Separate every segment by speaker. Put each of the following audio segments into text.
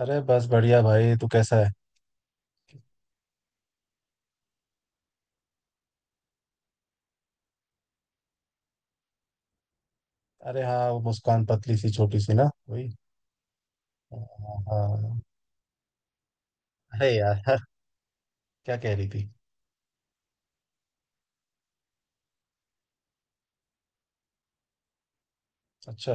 Speaker 1: अरे बस बढ़िया भाई, तू कैसा है? अरे हाँ, वो मुस्कान, पतली सी छोटी सी, ना वही। हाँ हाँ, हाँ। अरे यार क्या कह रही थी? अच्छा।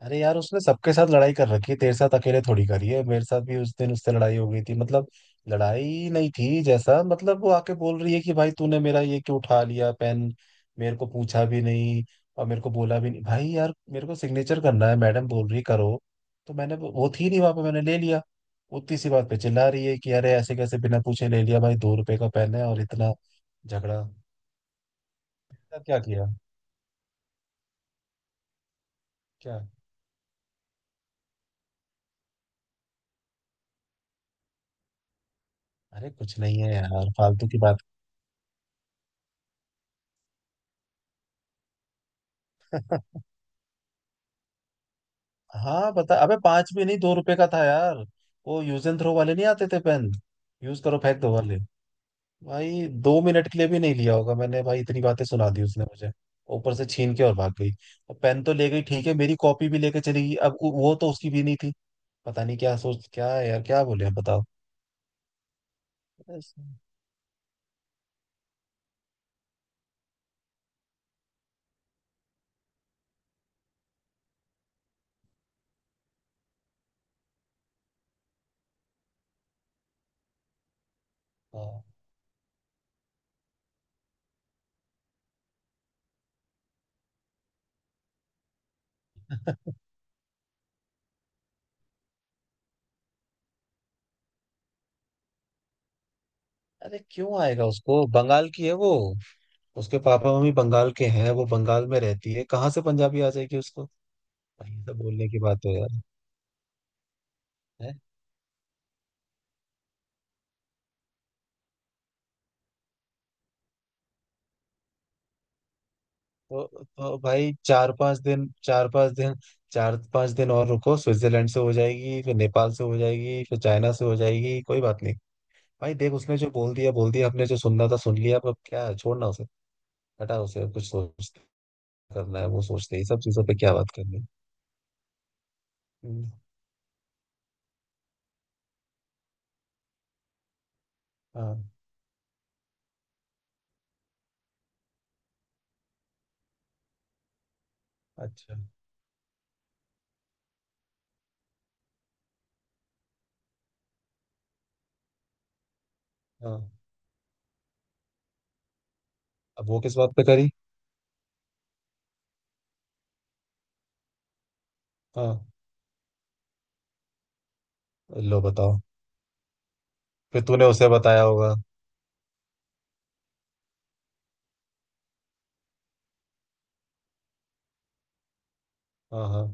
Speaker 1: अरे यार, उसने सबके साथ लड़ाई कर रखी है, तेरे साथ अकेले थोड़ी करी है। मेरे साथ भी उस दिन उससे लड़ाई हो गई थी। मतलब लड़ाई नहीं थी जैसा, मतलब वो आके बोल रही है कि भाई तूने मेरा ये क्यों उठा लिया पेन, मेरे को पूछा भी नहीं और मेरे को बोला भी नहीं। भाई यार, मेरे को सिग्नेचर करना है, मैडम बोल रही करो, तो मैंने, वो थी नहीं वहां पे, मैंने ले लिया। उतनी सी बात पे चिल्ला रही है कि अरे ऐसे कैसे बिना पूछे ले लिया। भाई 2 रुपए का पेन है और इतना झगड़ा। क्या क्या किया? क्या? अरे कुछ नहीं है यार, फालतू की बात। हाँ बता, अबे 5 भी नहीं, 2 रुपए का था यार। वो यूज एंड थ्रो वाले नहीं आते थे पेन, यूज करो फेंक दो वाले। भाई 2 मिनट के लिए भी नहीं लिया होगा मैंने, भाई इतनी बातें सुना दी उसने मुझे। ऊपर से छीन के और भाग गई, और पेन तो ले गई ठीक है, मेरी कॉपी भी लेके चली गई। अब वो तो उसकी भी नहीं थी। पता नहीं क्या सोच क्या है यार, क्या बोले हम, बताओ। हाँ। अरे क्यों आएगा उसको, बंगाल की है वो। उसके पापा मम्मी बंगाल के हैं, वो बंगाल में रहती है, कहाँ से पंजाबी आ जाएगी उसको। भाई ये तो बोलने की बात है यार। तो तो भाई चार पांच दिन, चार पांच दिन, चार पांच दिन और रुको, स्विट्जरलैंड से हो जाएगी, फिर नेपाल से हो जाएगी, फिर चाइना से हो जाएगी, कोई बात नहीं। भाई देख, उसने जो बोल दिया बोल दिया, हमने जो सुनना था सुन लिया। अब क्या है, छोड़ना उसे, हटा उसे, अब कुछ सोच करना है वो सोचते हैं, ये सब चीजों पे क्या बात करनी है। हम्म, हाँ। अच्छा। हाँ। अब वो किस बात पे करी? हाँ। लो बताओ। फिर तूने उसे बताया होगा। हाँ हाँ।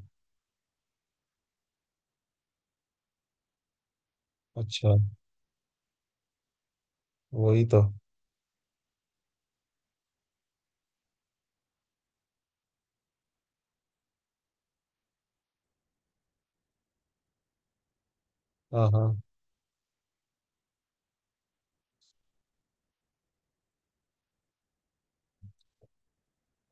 Speaker 1: अच्छा। वही तो। हाँ हाँ।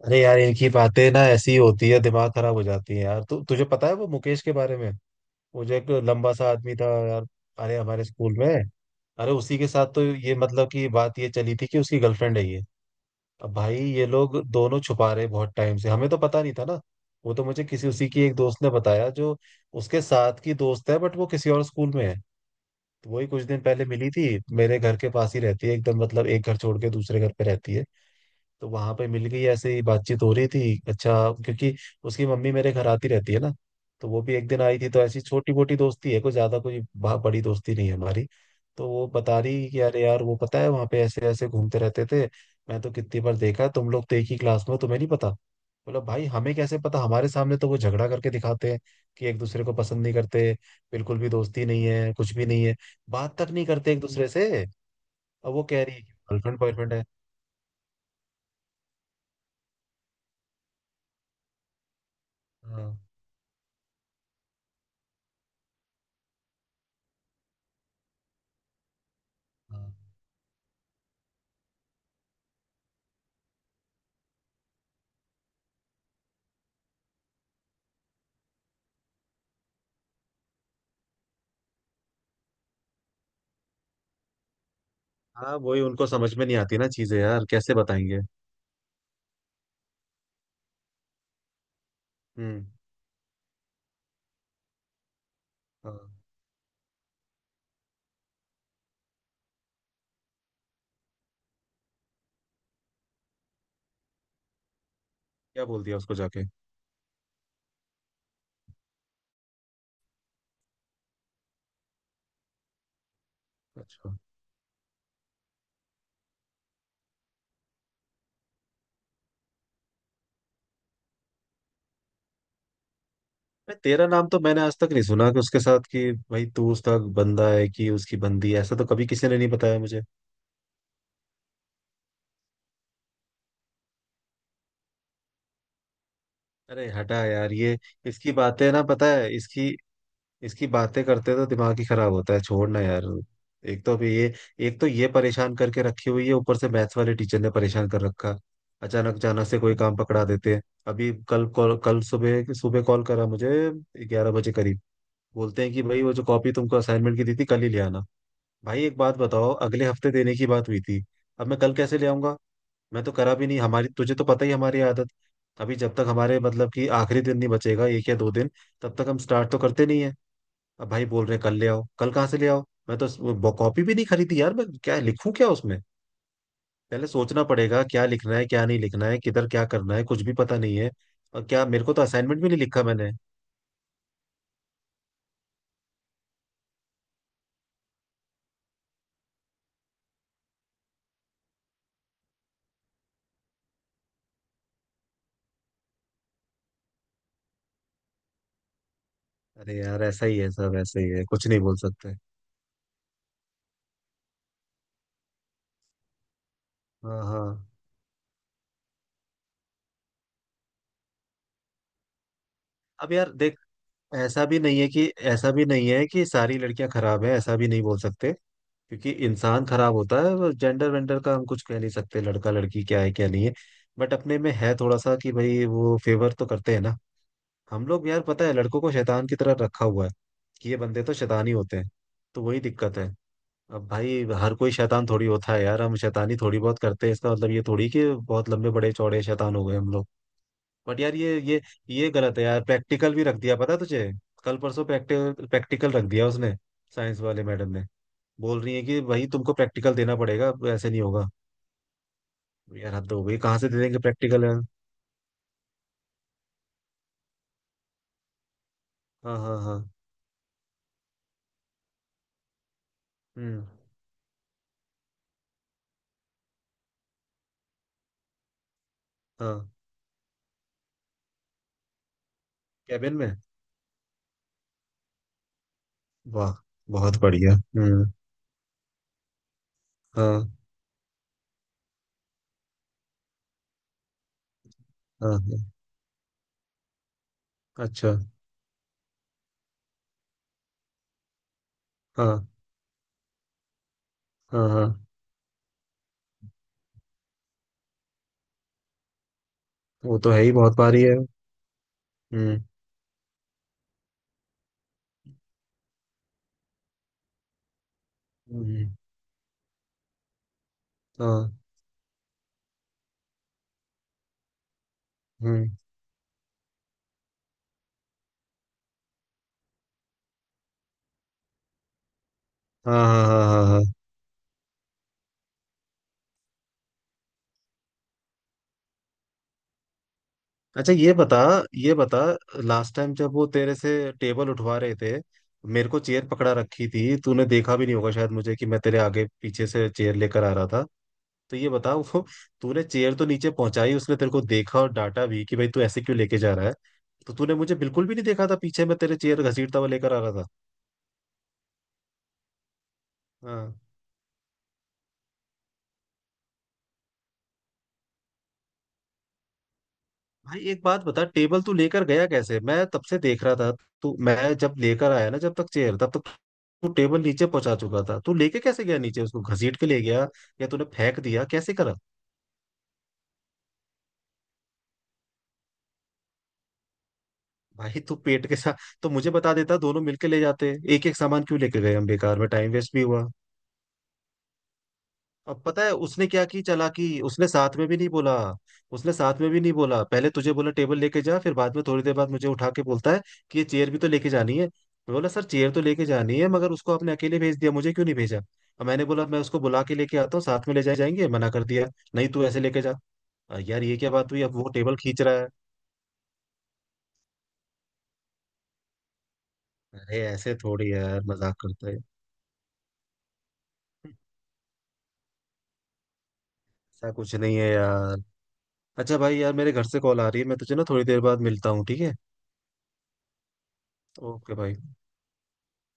Speaker 1: अरे यार, इनकी बातें ना ऐसी होती है, दिमाग खराब हो जाती है यार। तुझे पता है वो मुकेश के बारे में, वो जो एक लंबा सा आदमी था यार? अरे हमारे स्कूल में। अरे उसी के साथ तो ये, मतलब कि बात ये चली थी कि उसकी गर्लफ्रेंड है ये। अब भाई ये लोग दोनों छुपा रहे बहुत टाइम से, हमें तो पता नहीं था ना। वो तो मुझे किसी, उसी की एक दोस्त ने बताया जो उसके साथ की दोस्त है, बट वो किसी और स्कूल में है। तो वही कुछ दिन पहले मिली थी। मेरे घर के पास ही रहती है, एकदम मतलब एक घर छोड़ के दूसरे घर पे रहती है। तो वहां पे मिल गई, ऐसे ही बातचीत हो रही थी। अच्छा, क्योंकि उसकी मम्मी मेरे घर आती रहती है ना, तो वो भी एक दिन आई थी, तो ऐसी छोटी मोटी दोस्ती है, कोई ज्यादा कोई बड़ी दोस्ती नहीं है हमारी। तो वो बता रही कि अरे यार, वो पता है वहां पे ऐसे ऐसे घूमते रहते थे। मैं तो कितनी बार देखा है, तुम लोग तो एक ही क्लास में हो, तुम्हें नहीं पता? बोला भाई हमें कैसे पता, हमारे सामने तो वो झगड़ा करके दिखाते हैं कि एक दूसरे को पसंद नहीं करते, बिल्कुल भी दोस्ती नहीं है, कुछ भी नहीं है, बात तक नहीं करते एक दूसरे से। अब वो कह रही है गर्लफ्रेंड बॉयफ्रेंड है। हाँ हाँ। हाँ, वही उनको समझ में नहीं आती ना चीजें यार, कैसे बताएंगे। हम्म। हाँ। क्या बोल दिया उसको जाके? अच्छा। मैं, तेरा नाम तो मैंने आज तक नहीं सुना कि उसके साथ, कि भाई तू उसका बंदा है कि उसकी बंदी है, ऐसा तो कभी किसी ने नहीं बताया मुझे। अरे हटा यार ये, इसकी बातें ना, पता है इसकी, इसकी बातें करते तो दिमाग ही खराब होता है, छोड़ना यार। एक तो अभी ये, एक तो ये परेशान करके रखी हुई है, ऊपर से मैथ्स वाले टीचर ने परेशान कर रखा। अचानक अचानक से कोई काम पकड़ा देते हैं। अभी कल सुबह सुबह कॉल करा मुझे, 11 बजे करीब। बोलते हैं कि भाई वो जो कॉपी तुमको असाइनमेंट की दी थी, कल ही ले आना। भाई एक बात बताओ, अगले हफ्ते देने की बात हुई थी, अब मैं कल कैसे ले आऊंगा? मैं तो करा भी नहीं, हमारी, तुझे तो पता ही हमारी आदत। अभी जब तक हमारे, मतलब कि आखिरी दिन नहीं बचेगा, 1 या 2 दिन, तब तक हम स्टार्ट तो करते नहीं है। अब भाई बोल रहे हैं कल ले आओ, कल कहाँ से ले आओ। मैं तो वो कॉपी भी नहीं खरीदी यार, मैं क्या लिखूं क्या उसमें। पहले सोचना पड़ेगा क्या लिखना है, क्या नहीं लिखना है, किधर क्या करना है, कुछ भी पता नहीं है। और क्या, मेरे को तो असाइनमेंट भी नहीं लिखा मैंने। अरे यार ऐसा ही है, सब ऐसा ही है, कुछ नहीं बोल सकते। हाँ हाँ। अब यार देख, ऐसा भी नहीं है कि, ऐसा भी नहीं है कि सारी लड़कियां खराब है, ऐसा भी नहीं बोल सकते। क्योंकि इंसान खराब होता है, जेंडर वेंडर का हम कुछ कह नहीं सकते, लड़का लड़की क्या है क्या नहीं है। बट अपने में है थोड़ा सा कि भाई वो फेवर तो करते हैं ना। हम लोग यार पता है लड़कों को शैतान की तरह रखा हुआ है, कि ये बंदे तो शैतान ही होते हैं, तो वही दिक्कत है। अब भाई हर कोई शैतान थोड़ी होता है यार, हम शैतानी थोड़ी बहुत करते हैं, इसका मतलब ये थोड़ी कि बहुत लंबे बड़े चौड़े शैतान हो गए हम लोग। बट यार ये ये गलत है यार। प्रैक्टिकल भी रख दिया, पता है तुझे? कल परसों प्रैक्टिकल, प्रैक्टिकल रख दिया उसने, साइंस वाले मैडम ने। बोल रही है कि भाई तुमको प्रैक्टिकल देना पड़ेगा, ऐसे नहीं होगा। यार हद हो गई, कहाँ से दे देंगे प्रैक्टिकल यार। हाँ हाँ हाँ। हम्म। हाँ। कैबिन में? वाह, बहुत बढ़िया। हम्म। हाँ हाँ हाँ। अच्छा। हाँ हाँ हाँ। वो तो है ही, बहुत भारी है। हम्म। हम्म। हाँ। हम्म। हाँ हाँ हाँ हाँ हाँ। अच्छा ये बता, ये बता लास्ट टाइम जब वो तेरे से टेबल उठवा रहे थे, मेरे को चेयर पकड़ा रखी थी, तूने देखा भी नहीं होगा शायद मुझे कि मैं तेरे आगे पीछे से चेयर लेकर आ रहा था। तो ये बता, वो, तूने चेयर तो नीचे पहुंचाई, उसने तेरे को देखा और डांटा भी कि भाई तू ऐसे क्यों लेके जा रहा है, तो तूने मुझे बिल्कुल भी नहीं देखा था पीछे? मैं तेरे चेयर घसीटता हुआ लेकर आ रहा था। हाँ। भाई एक बात बता, टेबल तू लेकर गया कैसे? मैं तब से देख रहा था, तू, मैं जब लेकर आया ना, जब तक चेयर, तब तक तू टेबल नीचे पहुंचा चुका था। तू लेके कैसे गया नीचे, उसको घसीट के ले गया या तूने फेंक दिया, कैसे करा? भाई तू पेट के साथ, तो मुझे बता देता, दोनों मिलके ले जाते। एक एक सामान क्यों लेके गए हम, बेकार में टाइम वेस्ट भी हुआ। अब पता है उसने क्या की चालाकी, उसने साथ में भी नहीं बोला, उसने साथ में भी नहीं बोला। पहले तुझे बोला टेबल लेके जा, फिर बाद में थोड़ी देर बाद मुझे उठा के बोलता है कि ये चेयर भी तो लेके जानी है। मैं बोला सर चेयर तो लेके जानी है, मगर उसको आपने अकेले भेज दिया, मुझे क्यों नहीं भेजा? और मैंने बोला मैं उसको बुला के लेके आता हूँ, साथ में ले जाए जाएंगे, मना कर दिया, नहीं तू ऐसे लेके जा। यार ये क्या बात हुई, अब वो टेबल खींच रहा है। अरे ऐसे थोड़ी है यार, मजाक करते हैं। ऐसा कुछ नहीं है यार। अच्छा भाई यार, मेरे घर से कॉल आ रही है, मैं तुझे ना थोड़ी देर बाद मिलता हूँ, ठीक है? ओके भाई।